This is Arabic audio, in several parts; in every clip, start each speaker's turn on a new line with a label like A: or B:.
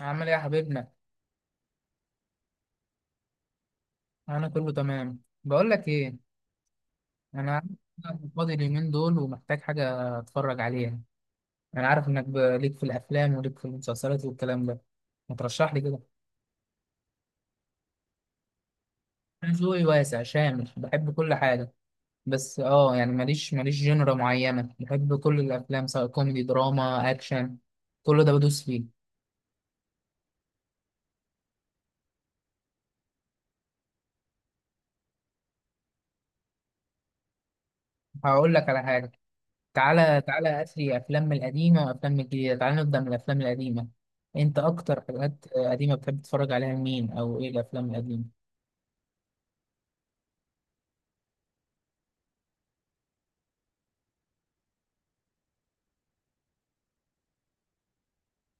A: عامل ايه يا حبيبنا؟ انا كله تمام. بقول لك ايه، انا فاضي اليومين دول ومحتاج حاجه اتفرج عليها. انا عارف انك ليك في الافلام وليك في المسلسلات والكلام ده، ما ترشح لي كده. انا ذوقي واسع شامل، بحب كل حاجه. بس يعني ماليش جنرا معينه، بحب كل الافلام سواء كوميدي دراما اكشن. كل ده بدوس فيه. هقول لك على حاجه. تعالى تعالى أثري أفلام القديمة وأفلام الجديدة، تعالى نبدأ من الأفلام القديمة. أنت أكتر حاجات قديمة بتحب تتفرج عليها لمين، أو إيه الأفلام القديمة؟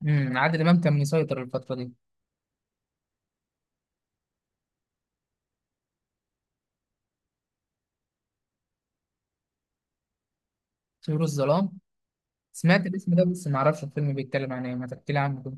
A: عادل إمام كان مسيطر الفترة دي. طيور الظلام، سمعت الاسم ده بس معرفش الفيلم بيتكلم عن إيه، ما تحكي لي عنه كده.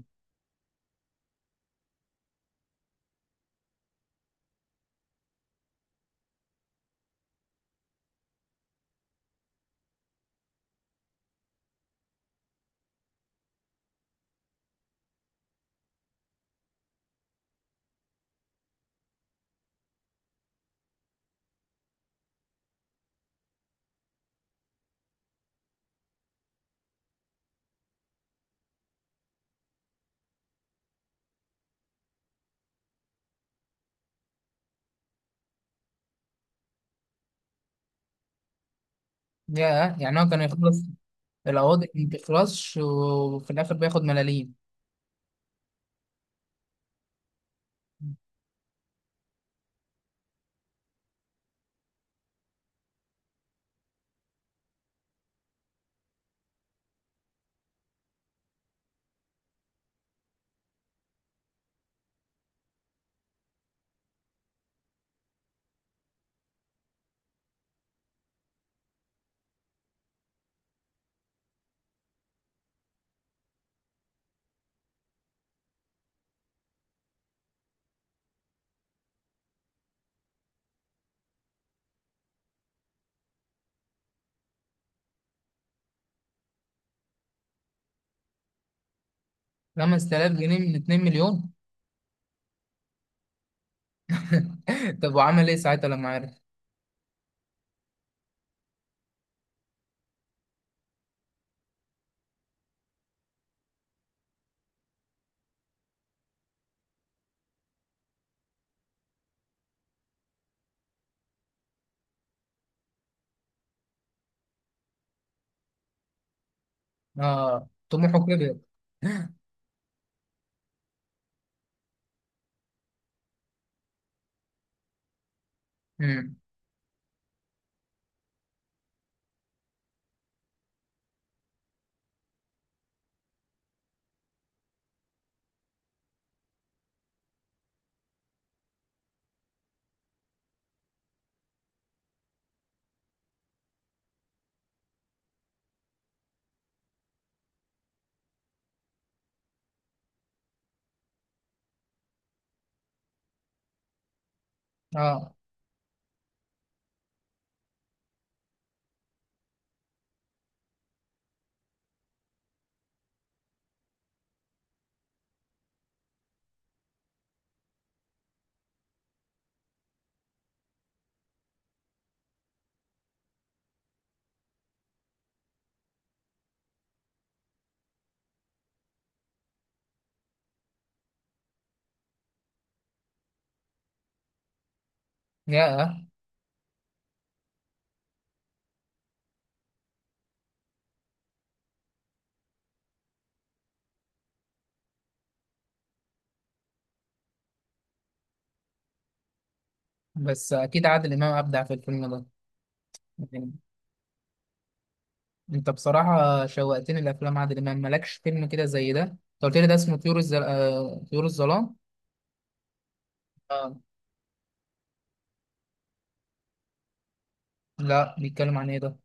A: ياه، يعني هو كان يخلص القواضي؟ ما بتخلصش وفي الآخر بياخد ملاليم. 5000 جنيه من 2 مليون؟ طب وعمل إيه ساعتها لما عرف؟ آه، طموحه كبر. امم. آه. ياه. بس اكيد عادل امام ابدع في الفيلم ده. يعني، انت بصراحه شوقتني لافلام عادل امام. مالكش فيلم كده زي ده؟ انت قلت لي ده اسمه طيور الظلام. آه. لا، بيتكلم عن ايه ده؟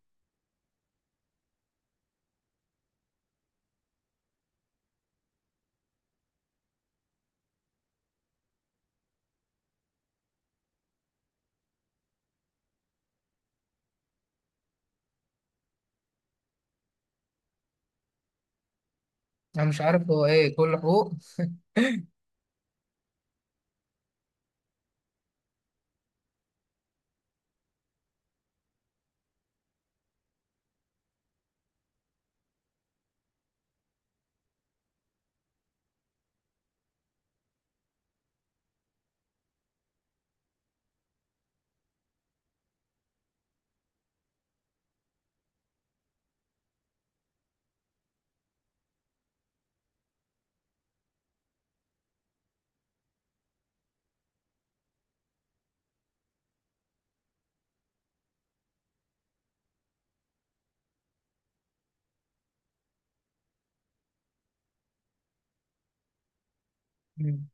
A: انا مش عارف هو ايه كل حقوق. مم.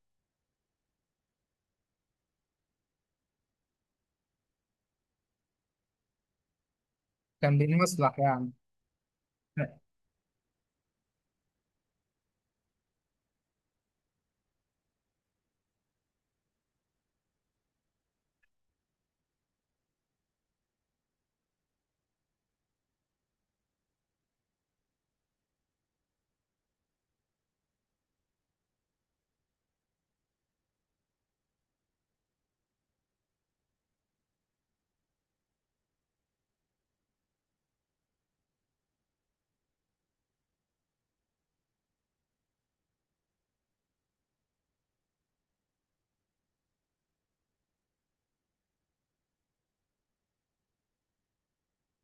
A: كان بيمصلح يعني.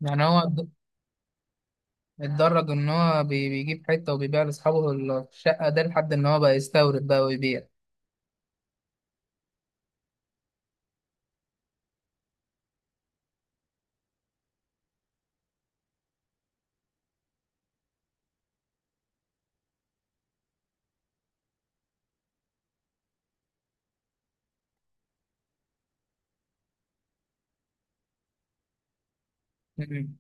A: يعني هو اتدرج ان هو بيجيب حته وبيبيع لاصحابه الشقه ده، لحد ان هو بقى يستورد بقى ويبيع. مم.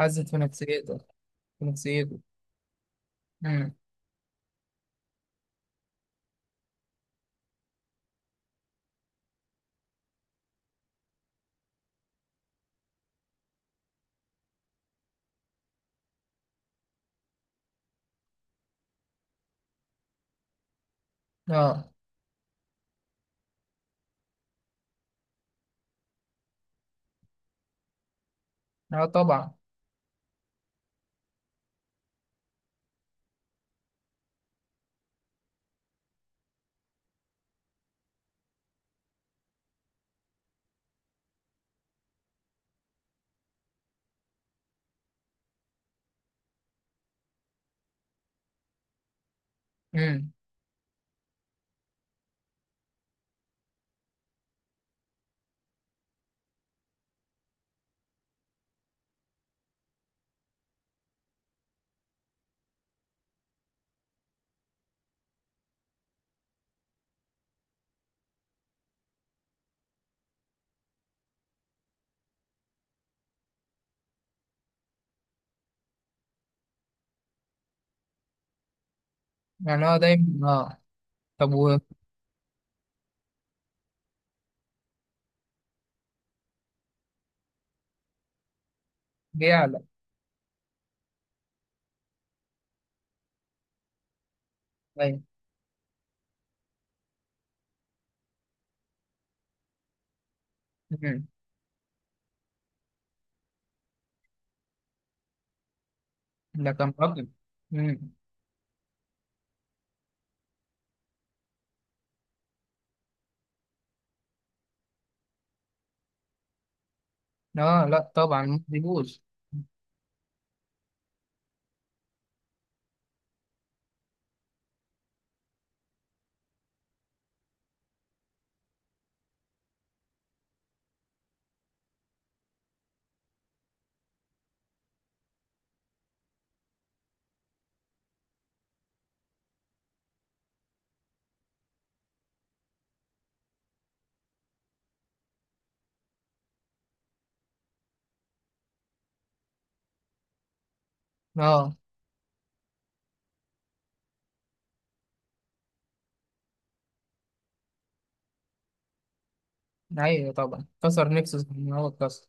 A: حزت في نفسيته. في نفسيته. مم. اه. اه طبعا. مم. يعني هو دايما اه. طب، بيعلى. أيوة. مم. ده كان راجل. مم. اه لا طبعا، ما بيجوز. اه. ايوه طبعا، كسر نفسه زي ما هو اتكسر.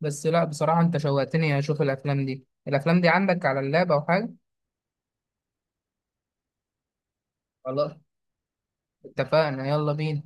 A: بس لا، بصراحة انت شوقتني اشوف الافلام دي. الافلام دي عندك على اللاب او حاجة؟ خلاص، اتفقنا. يلا بينا.